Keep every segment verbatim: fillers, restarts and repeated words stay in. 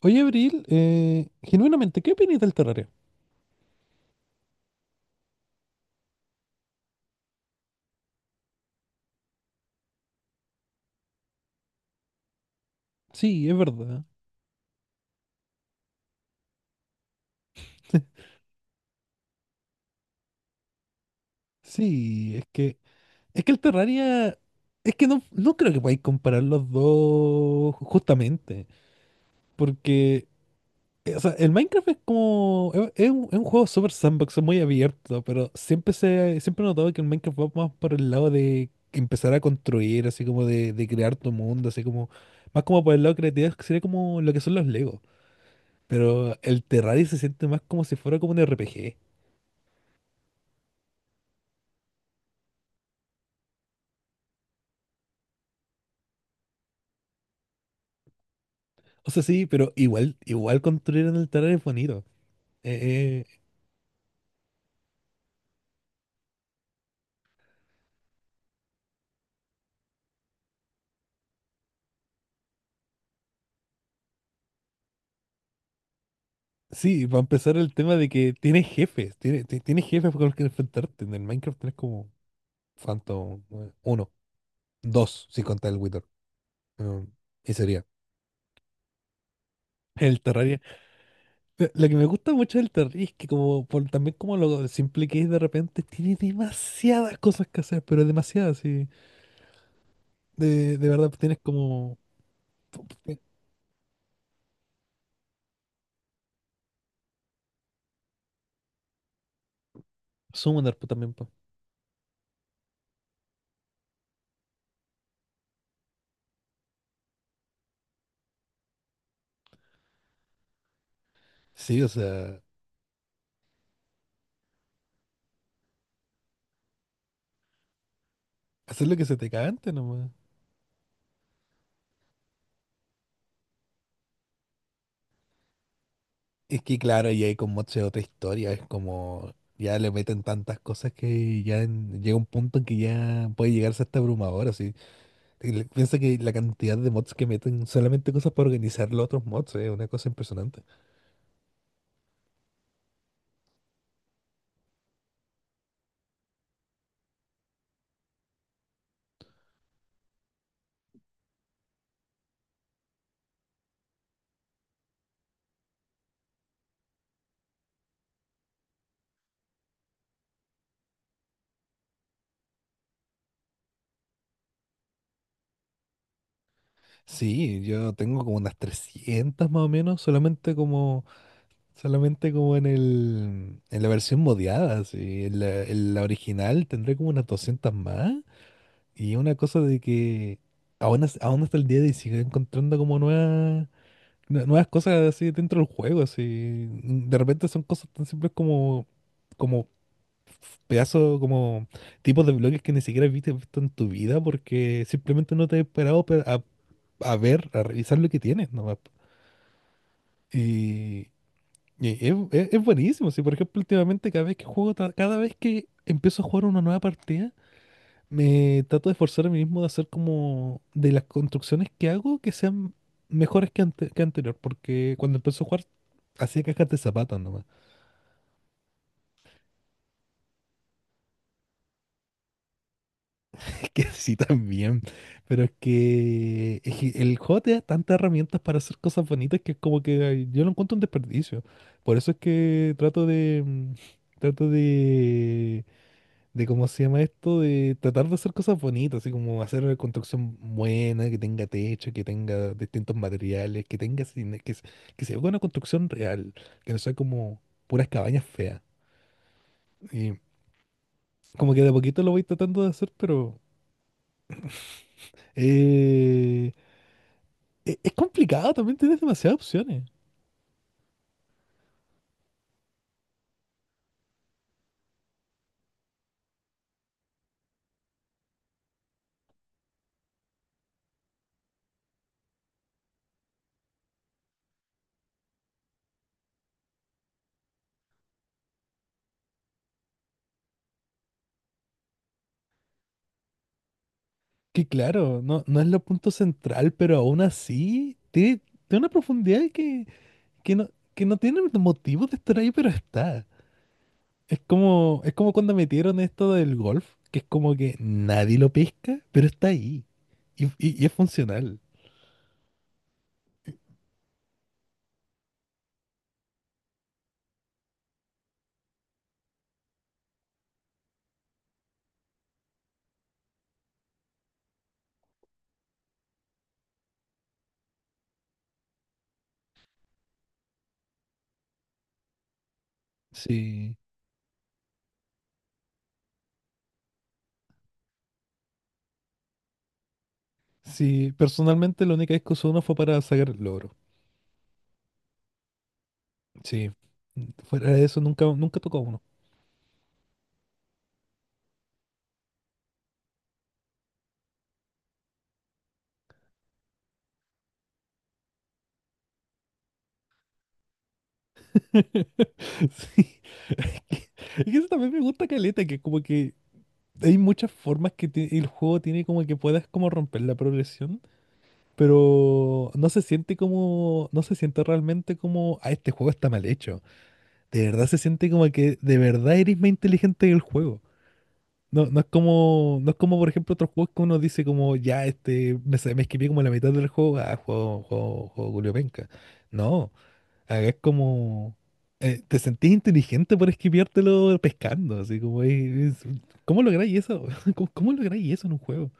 Oye, Abril, eh, genuinamente, ¿qué opinas del Terraria? Sí, es verdad. Sí, es que, es que el Terraria, es que no, no creo que podáis comparar los dos justamente, porque, eh, o sea, el Minecraft es como, es, es un, es un juego super sandbox, es muy abierto, pero siempre se, siempre he notado que el Minecraft va más por el lado de empezar a construir, así como de, de crear tu mundo, así como, más como por el lado creativo, que sería como lo que son los Legos. Pero el Terraria se siente más como si fuera como un R P G. O sea, sí, pero igual, igual construir en el Terraria es bonito. Eh, eh, sí, para empezar el tema de que tienes jefes, tiene- ti- tienes, jefes con los que enfrentarte. En el Minecraft tienes como Phantom eh, uno, dos, si contar el Wither. Mm, y sería. El Terraria. Lo lo que me gusta mucho del Terraria es que como por, también como lo simple que es de repente, tiene demasiadas cosas que hacer, pero demasiadas, sí. De, de verdad, pues, tienes como... eh, Summoner pues, también. Pues. Sí, o sea, hacer lo que se te cante nomás. Es que claro, y ahí con mods es otra historia, es como ya le meten tantas cosas que ya en- llega un punto en que ya puede llegarse hasta abrumador, así. Y le- piensa que la cantidad de mods que meten solamente cosas para organizar los otros mods es una cosa impresionante. Sí, yo tengo como unas trescientas más o menos, solamente como solamente como en el en la versión modiada, así. En la, en la original tendré como unas doscientas más. Y es una cosa de que aún, as- aún hasta el día de hoy sigue encontrando como nuevas, nue- nuevas cosas así dentro del juego, así. mm, De repente son cosas tan simples como, como pedazos, como tipos de bloques que ni siquiera viste visto en tu vida porque simplemente no te he esperado pe- a, a ver, a revisar lo que tienes nomás. Y, y es, es- es buenísimo, si por ejemplo últimamente cada vez que juego, ta- cada vez que empiezo a jugar una nueva partida, me trato de esforzar a mí mismo de hacer como de las construcciones que hago que sean mejores que, ante- que anterior, porque cuando empecé a jugar hacía cajas de zapatos nomás. Es que sí también, pero es que, es que el juego te da tantas herramientas para hacer cosas bonitas que es como que ay, yo lo encuentro un desperdicio. Por eso es que trato de mm, trato de de cómo se llama esto, de tratar de hacer cosas bonitas, así como hacer una construcción buena, que tenga techo, que tenga distintos materiales, que tenga cine- que, se- que se vea una construcción real, que no sea como puras cabañas feas. Y como que de a poquito lo voy tratando de hacer, pero eh, e- es complicado, también tienes demasiadas opciones. Que claro, no, no es lo punto central, pero aún así tiene, tiene una profundidad que, que no, que no tiene motivo de estar ahí, pero está. Es como, es como cuando metieron esto del golf, que es como que nadie lo pesca, pero está ahí. Y, y- y es funcional. Sí. Sí, personalmente la única vez que usé uno fue para sacar el logro. Sí. Fuera de eso nunca, nunca tocó uno. Sí. Es que, es que eso también me gusta caleta, que como que hay muchas formas que ti- el juego tiene como que puedas como romper la progresión. Pero no se siente como, no se siente realmente como, ah, este juego está mal hecho. De verdad se siente como que de verdad eres más inteligente que el juego. No, no es como, no es como por ejemplo otros juegos que uno dice como, ya, este, me, sa- me esquivé como la mitad del juego, ah, juego, juego, juego Julio Penca. No, acá es como, eh, te sentís inteligente por esquiviártelo pescando, así como, es- es- ¿cómo lográis eso? ¿Cómo, cómo lográis eso en un juego?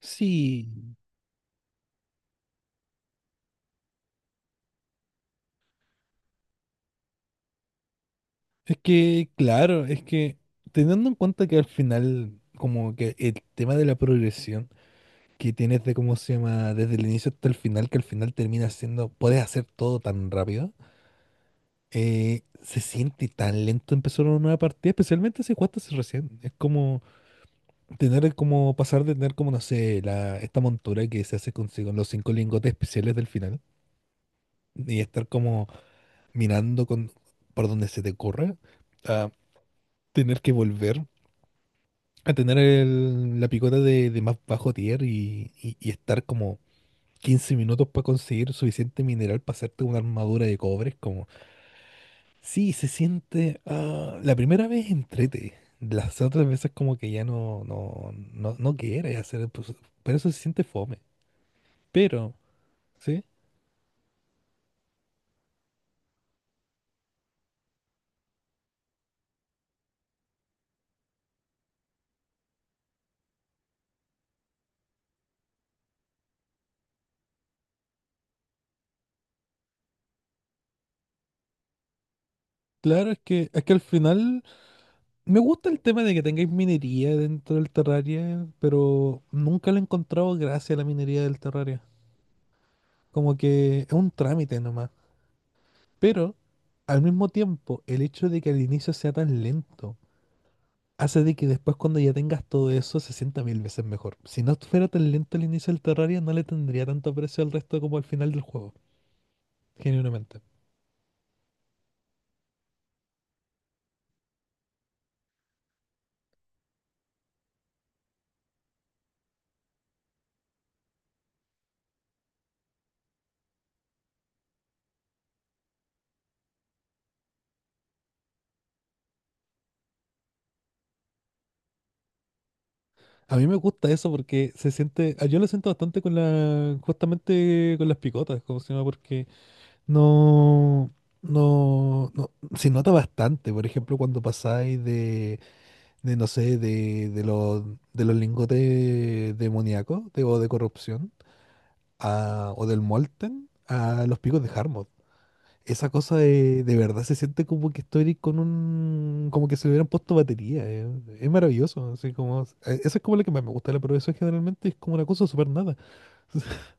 Sí, es que, claro, es que teniendo en cuenta que al final, como que el tema de la progresión que tienes de cómo se llama, desde el inicio hasta el final, que al final termina siendo, puedes hacer todo tan rápido, eh, se siente tan lento empezar una nueva partida, especialmente si jugaste hace recién. Es como tener, como pasar de tener, como no sé, la, esta montura que se hace consigo los cinco lingotes especiales del final y estar como mirando con, por donde se te ocurra, a tener que volver. A tener el- la picota de, de más bajo tier y, y- y estar como quince minutos para conseguir suficiente mineral para hacerte una armadura de cobre. Es como, sí, se siente. Ah, la primera vez entrete. Las otras veces como que ya no, no, no, no quieres hacer. Pues, por eso se siente fome. Pero, ¿sí? Claro, es que, es que al final me gusta el tema de que tengáis minería dentro del Terraria, pero nunca le he encontrado gracia a la minería del Terraria. Como que es un trámite nomás. Pero al mismo tiempo, el hecho de que al inicio sea tan lento hace de que después cuando ya tengas todo eso se sienta mil veces mejor. Si no fuera tan lento el inicio del Terraria, no le tendría tanto precio al resto como al final del juego, genuinamente. A mí me gusta eso porque se siente, ah, yo lo siento bastante con la, justamente con las picotas, como se llama, porque no, no, no, se nota bastante. Por ejemplo, cuando pasáis de de no sé, de, de, los, de los lingotes demoníacos de, o de corrupción, a- o del Molten, a los picos de Harmod. Esa cosa de, de verdad se siente como que estoy con un... como que se le hubieran puesto batería. eh. Es maravilloso, así como... eh, eso es como lo que más me gusta de la progresión generalmente, es como una cosa súper nada.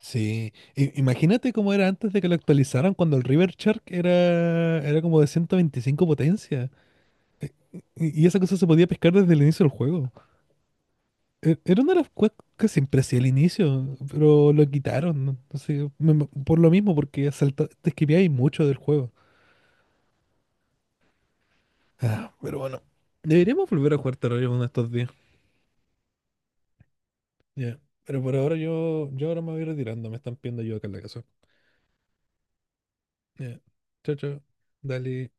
Sí, i- imagínate cómo era antes de que lo actualizaran cuando el River Shark era, era como de ciento veinticinco potencia. Y, y esa cosa se podía pescar desde el inicio del juego. E- Era una de las cosas que siempre hacía al inicio, pero lo quitaron, ¿no? No sé, me- me- por lo mismo, porque salta, te esquipeáis mucho del juego. Ah, pero bueno, deberíamos volver a jugar Terraria uno de estos días. Ya, pero por ahora yo, yo ahora me voy retirando, me están pidiendo yo acá en la casa. Ya, chao, chao. Dale.